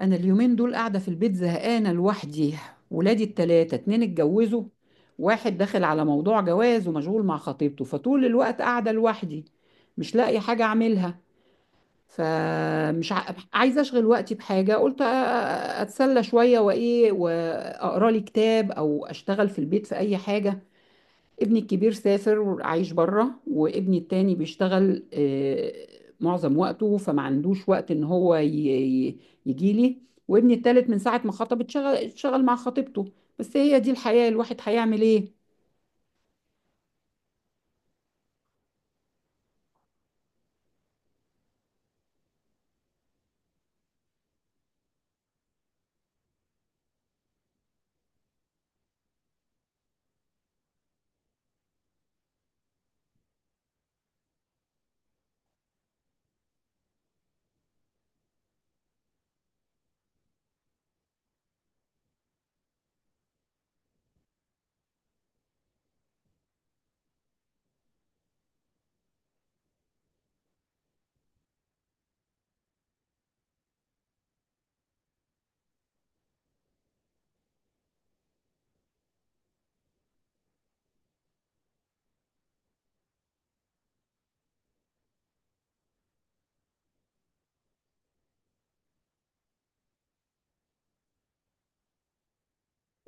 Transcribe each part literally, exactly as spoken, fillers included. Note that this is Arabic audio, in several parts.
انا اليومين دول قاعده في البيت زهقانه لوحدي. ولادي التلاتة اتنين اتجوزوا، واحد داخل على موضوع جواز ومشغول مع خطيبته، فطول الوقت قاعده لوحدي مش لاقي حاجه اعملها. فمش ع... عايزه اشغل وقتي بحاجه. قلت أ- أ- اتسلى شويه وايه، واقرا لي كتاب او اشتغل في البيت في اي حاجه. ابني الكبير سافر وعايش بره، وابني التاني بيشتغل آه، معظم وقته، فما عندوش وقت ان هو يجي لي. وابني التالت من ساعة ما خطب اتشغل اتشغل مع خطيبته. بس هي دي الحياة، الواحد هيعمل ايه؟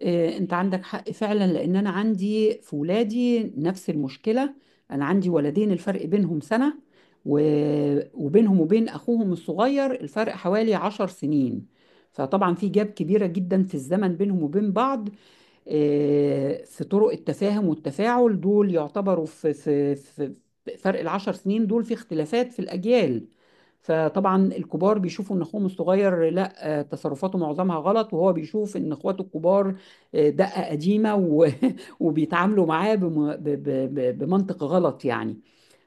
آه، انت عندك حق فعلا، لان انا عندي في ولادي نفس المشكلة. انا عندي ولدين الفرق بينهم سنة، و- وبينهم وبين اخوهم الصغير الفرق حوالي عشر سنين. فطبعا في جاب كبيرة جدا في الزمن بينهم وبين بعض. آه، في طرق التفاهم والتفاعل، دول يعتبروا في في في فرق العشر سنين دول في اختلافات في الأجيال. فطبعا الكبار بيشوفوا ان اخوهم الصغير لا، آه، تصرفاته معظمها غلط، وهو بيشوف ان اخواته الكبار آه، دقة قديمة و- وبيتعاملوا معاه بم- ب- ب- ب- بمنطق غلط يعني.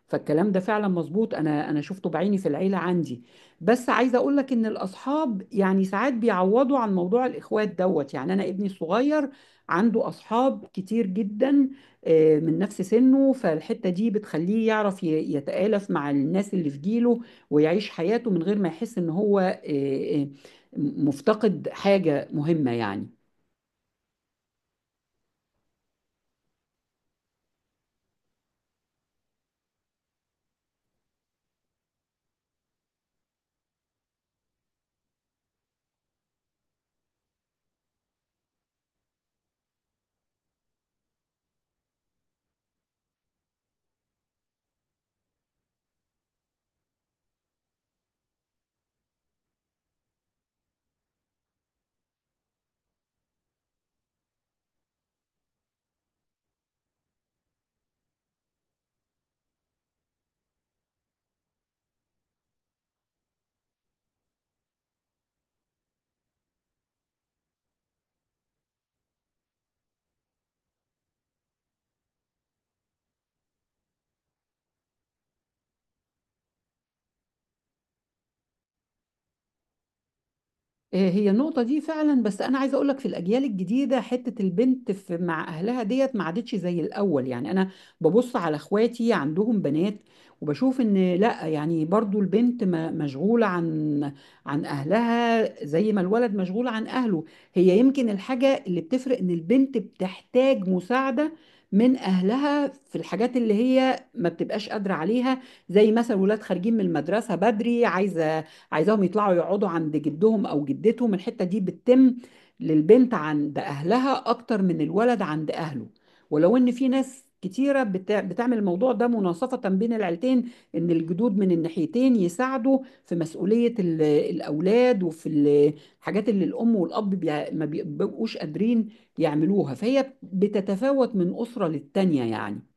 فالكلام ده فعلا مظبوط، انا انا شفته بعيني في العيله عندي. بس عايزه اقول لك ان الاصحاب يعني ساعات بيعوضوا عن موضوع الاخوات دوت. يعني انا ابني الصغير عنده اصحاب كتير جدا، آه، من نفس سنه، فالحته دي بتخليه يعرف ي- يتآلف مع الناس اللي في جيله، ويعيش حياته من غير ما يحس ان هو آه، آه، مفتقد حاجه مهمه يعني. آه، هي النقطة دي فعلا، بس أنا عايزة أقولك في الأجيال الجديدة حتة البنت في مع أهلها ديت ما عادتش زي الأول. يعني أنا ببص على إخواتي عندهم بنات، وبشوف إن لأ، يعني برضو البنت م- مشغولة عن عن أهلها زي ما الولد مشغول عن أهله. هي يمكن الحاجة اللي بتفرق إن البنت بتحتاج مساعدة من أهلها في الحاجات اللي هي ما بتبقاش قادرة عليها، زي مثلا ولاد خارجين من المدرسة بدري، عايزة عايزاهم يطلعوا يقعدوا عند جدهم او جدتهم. الحته دي بتتم للبنت عند اهلها اكتر من الولد عند اهله. ولو ان في ناس كتيره بتع- بتعمل الموضوع ده مناصفه بين العيلتين، ان الجدود من الناحيتين يساعدوا في مسؤوليه ال- الاولاد، وفي ال- الحاجات اللي الام والاب بيع- ما بيبقوش قادرين يعملوها. فهي بتتفاوت من اسره للتانيه يعني.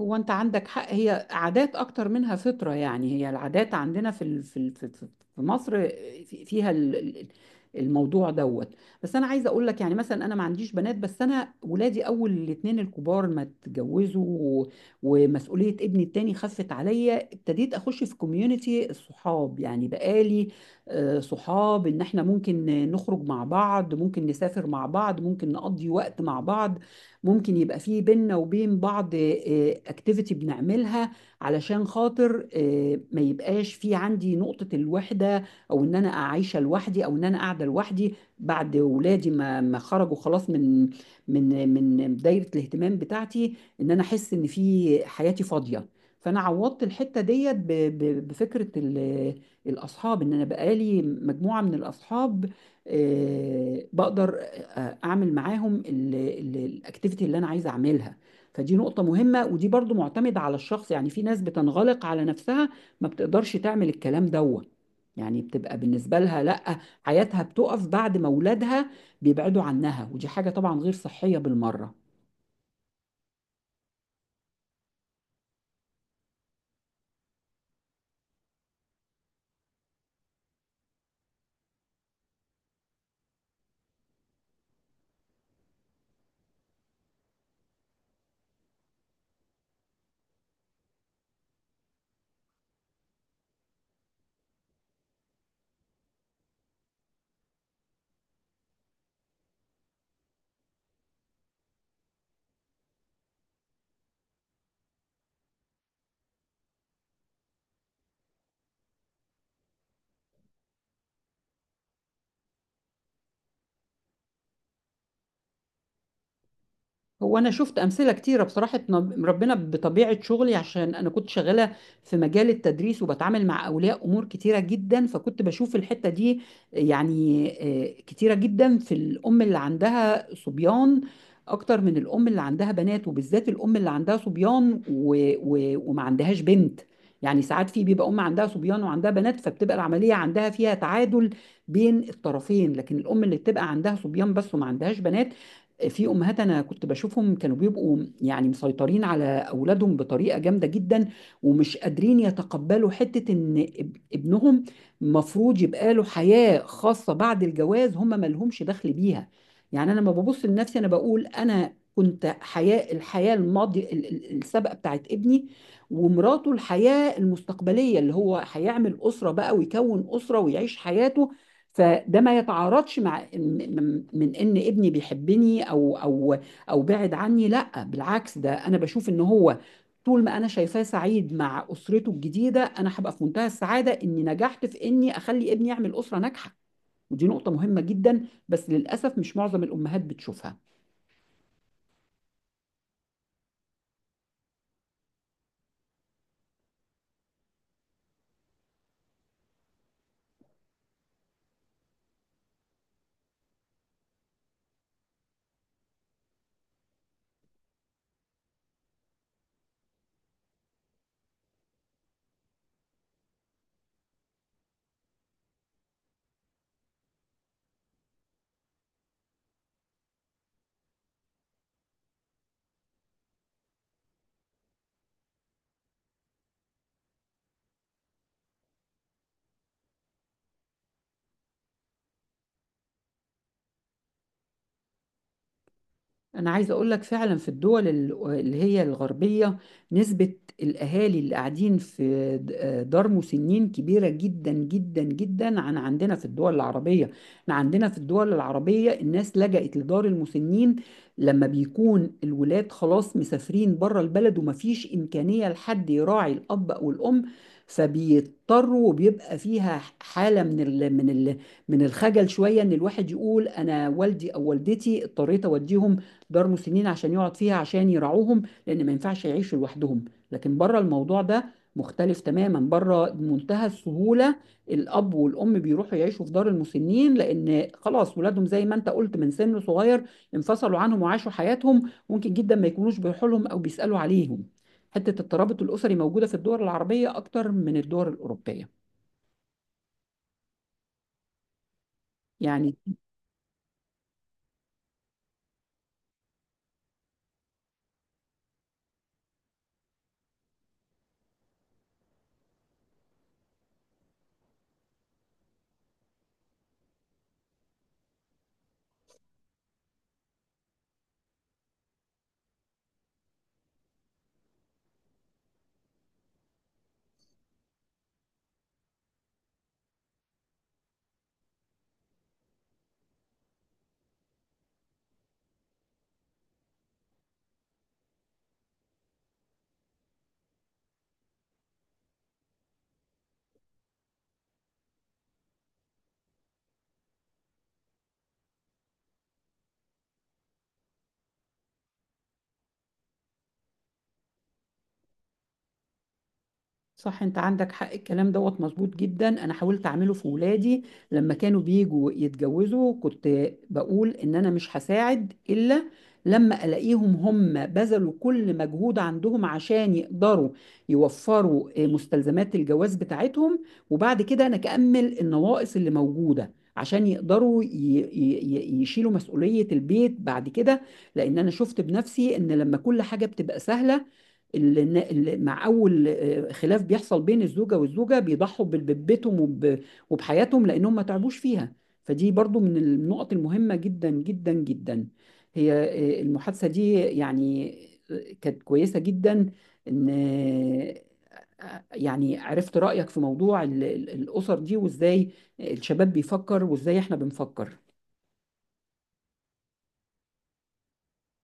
هو انت عندك حق، هي عادات اكتر منها فطرة. يعني هي العادات عندنا في ال- في ال- في في- في مصر في- فيها ال- ال- الموضوع دوت. بس انا عايزه اقول لك، يعني مثلا انا ما عنديش بنات، بس انا ولادي اول الاتنين الكبار ما اتجوزوا، و- ومسؤوليه ابني التاني خفت عليا، ابتديت اخش في كوميونتي الصحاب. يعني بقالي آه، صحاب ان احنا ممكن نخرج مع بعض، ممكن نسافر مع بعض، ممكن نقضي وقت مع بعض، ممكن يبقى فيه بينا وبين بعض اكتيفيتي بنعملها، علشان خاطر آه، ما يبقاش في عندي نقطة الوحدة، او ان انا عايشة لوحدي، او ان انا قاعدة لوحدي بعد ولادي ما ما خرجوا خلاص من من من دايرة الاهتمام بتاعتي، ان انا احس ان في حياتي فاضية. فانا عوضت الحتة ديت ب- ب- بفكرة ال- الاصحاب. ان انا بقالي مجموعة من الاصحاب، آه، بقدر آه، اعمل معاهم الاكتيفيتي اللي انا عايز اعملها. فدي نقطة مهمة، ودي برضو معتمدة على الشخص. يعني في ناس بتنغلق على نفسها، ما بتقدرش تعمل الكلام دوت. يعني بتبقى بالنسبة لها لأ، حياتها بتقف بعد ما أولادها بيبعدوا عنها، ودي حاجة طبعا غير صحية بالمرة. هو انا شفت امثله كتيره بصراحه، نب- ربنا بطبيعه شغلي، عشان انا كنت شغاله في مجال التدريس وبتعامل مع اولياء امور كتيره جدا، فكنت بشوف الحته دي يعني آه، كتيره جدا في الام اللي عندها صبيان اكتر من الام اللي عندها بنات، وبالذات الام اللي عندها صبيان و... و... وما عندهاش بنت. يعني ساعات في بيبقى ام عندها صبيان وعندها بنات، فبتبقى العمليه عندها فيها تعادل بين الطرفين. لكن الام اللي بتبقى عندها صبيان بس وما عندهاش بنات، في امهات انا كنت بشوفهم كانوا بيبقوا يعني مسيطرين على اولادهم بطريقه جامده جدا، ومش قادرين يتقبلوا حته ان اب- ابنهم مفروض يبقى له حياه خاصه بعد الجواز هم ما لهمش دخل بيها. يعني انا لما ببص لنفسي انا بقول انا كنت حياه الحياه الماضيه ال- ال- السابقه بتاعت ابني، ومراته الحياه المستقبليه اللي هو هيعمل اسره بقى ويكون اسره ويعيش حياته. فده ما يتعارضش مع إن- من من ان ابني بيحبني او او او بعد عني. لا، بالعكس، ده انا بشوف ان هو طول ما انا شايفاه سعيد مع اسرته الجديده انا هبقى في منتهى السعاده اني نجحت في اني اخلي ابني يعمل اسره ناجحه. ودي نقطه مهمه جدا، بس للاسف مش معظم الامهات بتشوفها. أنا عايزة أقول لك فعلا في الدول ال- اللي هي الغربية، نسبة الأهالي اللي قاعدين في د- دار مسنين كبيرة جدا جدا جدا عن عندنا في الدول العربية. احنا عندنا في الدول العربية الناس لجأت لدار المسنين لما بيكون الولاد خلاص مسافرين بره البلد، ومفيش إمكانية لحد يراعي الأب أو الأم، فبيضطروا. وبيبقى فيها حالة من ال من ال من الخجل شوية، إن الواحد يقول أنا والدي أو والدتي اضطريت أوديهم دار مسنين عشان يقعد فيها، عشان يرعوهم، لان ما ينفعش يعيشوا لوحدهم. لكن بره الموضوع ده مختلف تماما، بره بمنتهى السهولة الأب والأم بيروحوا يعيشوا في دار المسنين، لأن خلاص ولادهم زي ما أنت قلت من سن صغير انفصلوا عنهم وعاشوا حياتهم، ممكن جدا ما يكونوش بيروحوا لهم أو بيسألوا عليهم. حتة الترابط الأسري موجودة في الدول العربية أكتر من الدول الأوروبية يعني. صح، انت عندك حق، الكلام دوت مظبوط جدا. انا حاولت اعمله في ولادي، لما كانوا بيجوا يتجوزوا كنت بقول ان انا مش هساعد الا لما الاقيهم هم بذلوا كل مجهود عندهم عشان يقدروا يوفروا اه، مستلزمات الجواز بتاعتهم، وبعد كده انا اكمل النواقص اللي موجودة عشان يقدروا ي- ي- ي- يشيلوا مسؤولية البيت بعد كده. لان انا شفت بنفسي ان لما كل حاجة بتبقى سهلة، ال- ال- مع اول آه، خلاف بيحصل بين الزوجه والزوجه بيضحوا ب- ببيتهم وب- وبحياتهم لانهم ما تعبوش فيها. فدي برضو من النقط المهمه جدا جدا جدا. هي آه، المحادثه دي يعني آه، كانت كويسه جدا، ان آه، يعني عرفت رايك في موضوع ال- ال- الاسر دي، وازاي الشباب بيفكر وازاي احنا بنفكر.